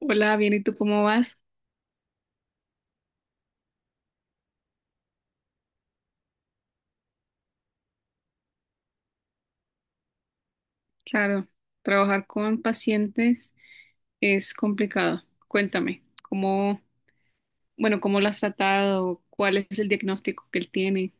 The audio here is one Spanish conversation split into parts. Hola, bien, ¿y tú cómo vas? Claro, trabajar con pacientes es complicado. Cuéntame, ¿cómo lo has tratado? ¿Cuál es el diagnóstico que él tiene?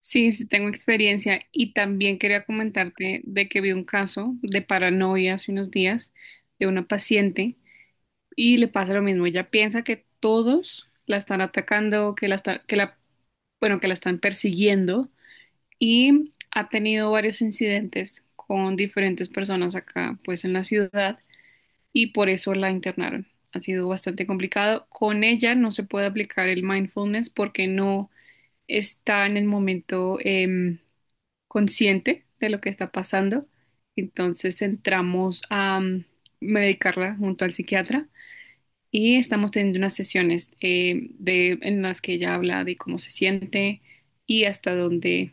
Sí, sí tengo experiencia y también quería comentarte de que vi un caso de paranoia hace unos días de una paciente y le pasa lo mismo. Ella piensa que todos la están atacando, que la están persiguiendo y ha tenido varios incidentes con diferentes personas acá, pues en la ciudad, y por eso la internaron. Ha sido bastante complicado. Con ella no se puede aplicar el mindfulness porque no está en el momento consciente de lo que está pasando. Entonces entramos a medicarla junto al psiquiatra y estamos teniendo unas sesiones en las que ella habla de cómo se siente y hasta dónde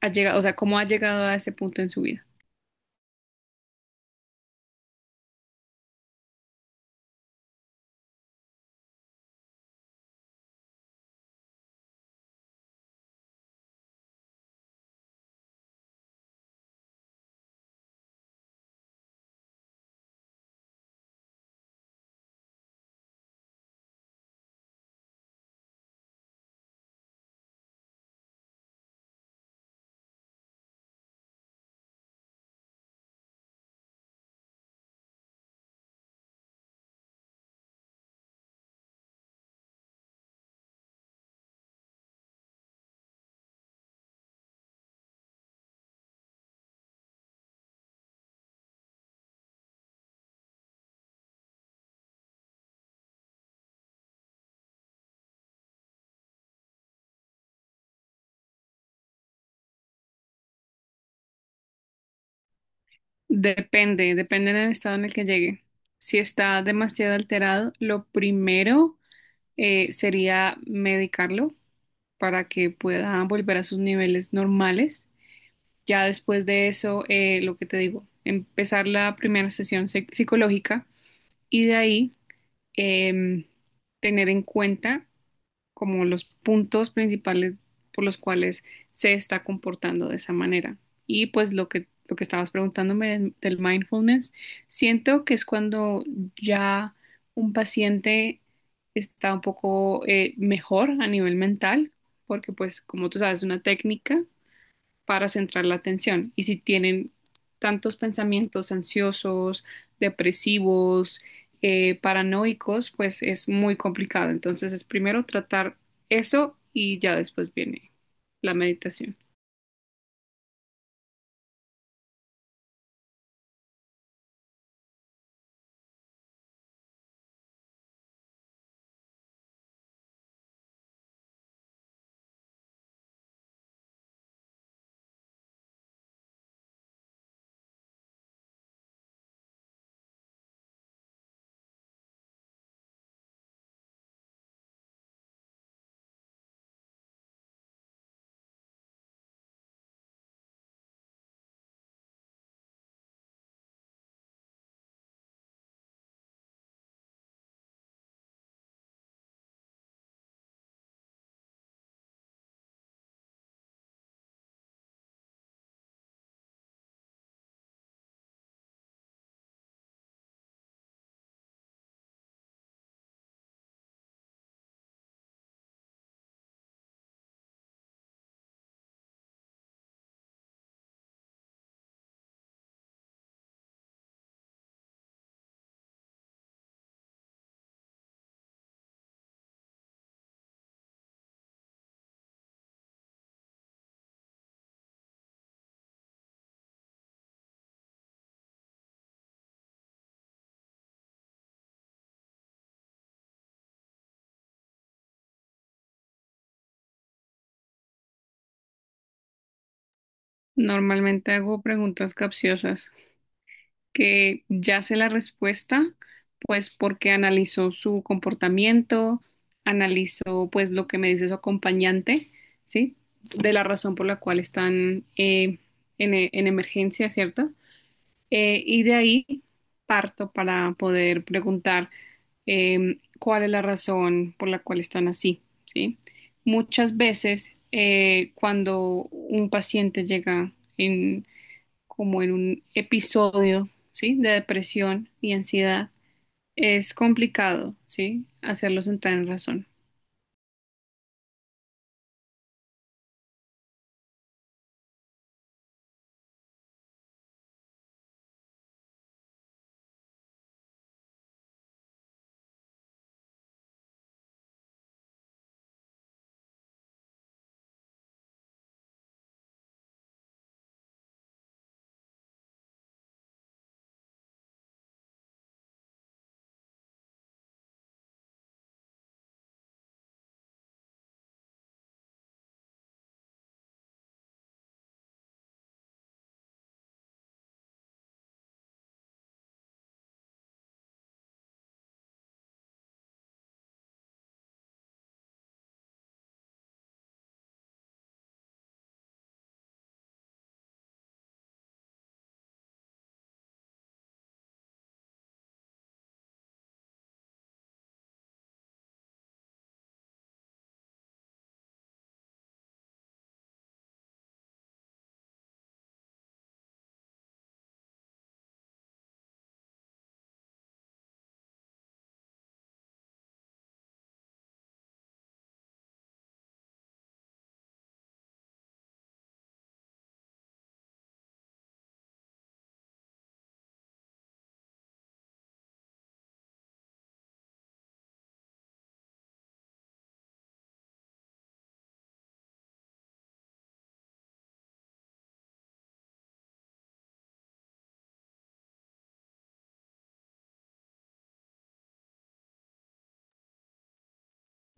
ha llegado, o sea, cómo ha llegado a ese punto en su vida. Depende, depende del estado en el que llegue. Si está demasiado alterado, lo primero sería medicarlo para que pueda volver a sus niveles normales. Ya después de eso, lo que te digo, empezar la primera psicológica y de ahí em, tener en cuenta como los puntos principales por los cuales se está comportando de esa manera. Y pues lo que estabas preguntándome del mindfulness, siento que es cuando ya un paciente está un poco mejor a nivel mental, porque pues como tú sabes, es una técnica para centrar la atención. Y si tienen tantos pensamientos ansiosos, depresivos, paranoicos, pues es muy complicado. Entonces es primero tratar eso y ya después viene la meditación. Normalmente hago preguntas capciosas, que ya sé la respuesta, pues porque analizó su comportamiento, analizó pues lo que me dice su acompañante, ¿sí? De la razón por la cual están en emergencia, ¿cierto? Y de ahí parto para poder preguntar cuál es la razón por la cual están así, ¿sí? Muchas veces cuando un paciente llega como en un episodio, ¿sí? De depresión y ansiedad, es complicado, ¿sí? Hacerlos entrar en razón.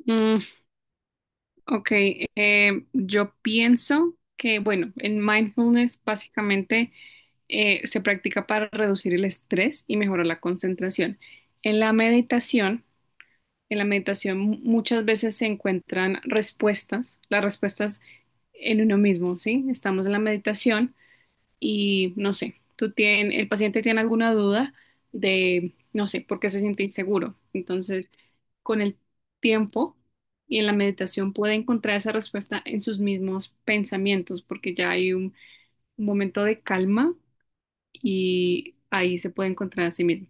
Mm, ok, yo pienso que, bueno, en mindfulness básicamente se practica para reducir el estrés y mejorar la concentración. En la meditación, en la meditación muchas veces se encuentran respuestas, las respuestas en uno mismo, ¿sí? Estamos en la meditación y no sé, el paciente tiene alguna duda de, no sé, por qué se siente inseguro. Entonces, con el tiempo y en la meditación puede encontrar esa respuesta en sus mismos pensamientos, porque ya hay un momento de calma y ahí se puede encontrar a sí mismo.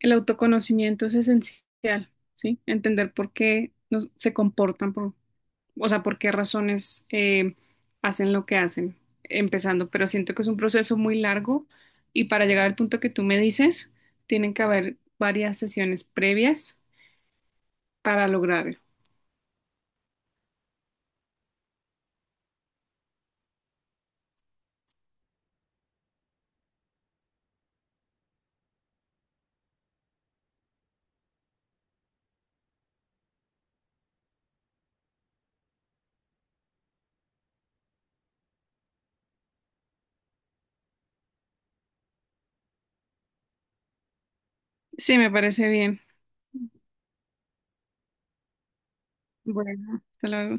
El autoconocimiento es esencial, ¿sí? Entender por qué nos- se comportan por, o sea, por qué razones hacen lo que hacen, empezando, pero siento que es un proceso muy largo y para llegar al punto que tú me dices, tienen que haber varias sesiones previas para lograrlo. Sí, me parece bien. Bueno, hasta luego.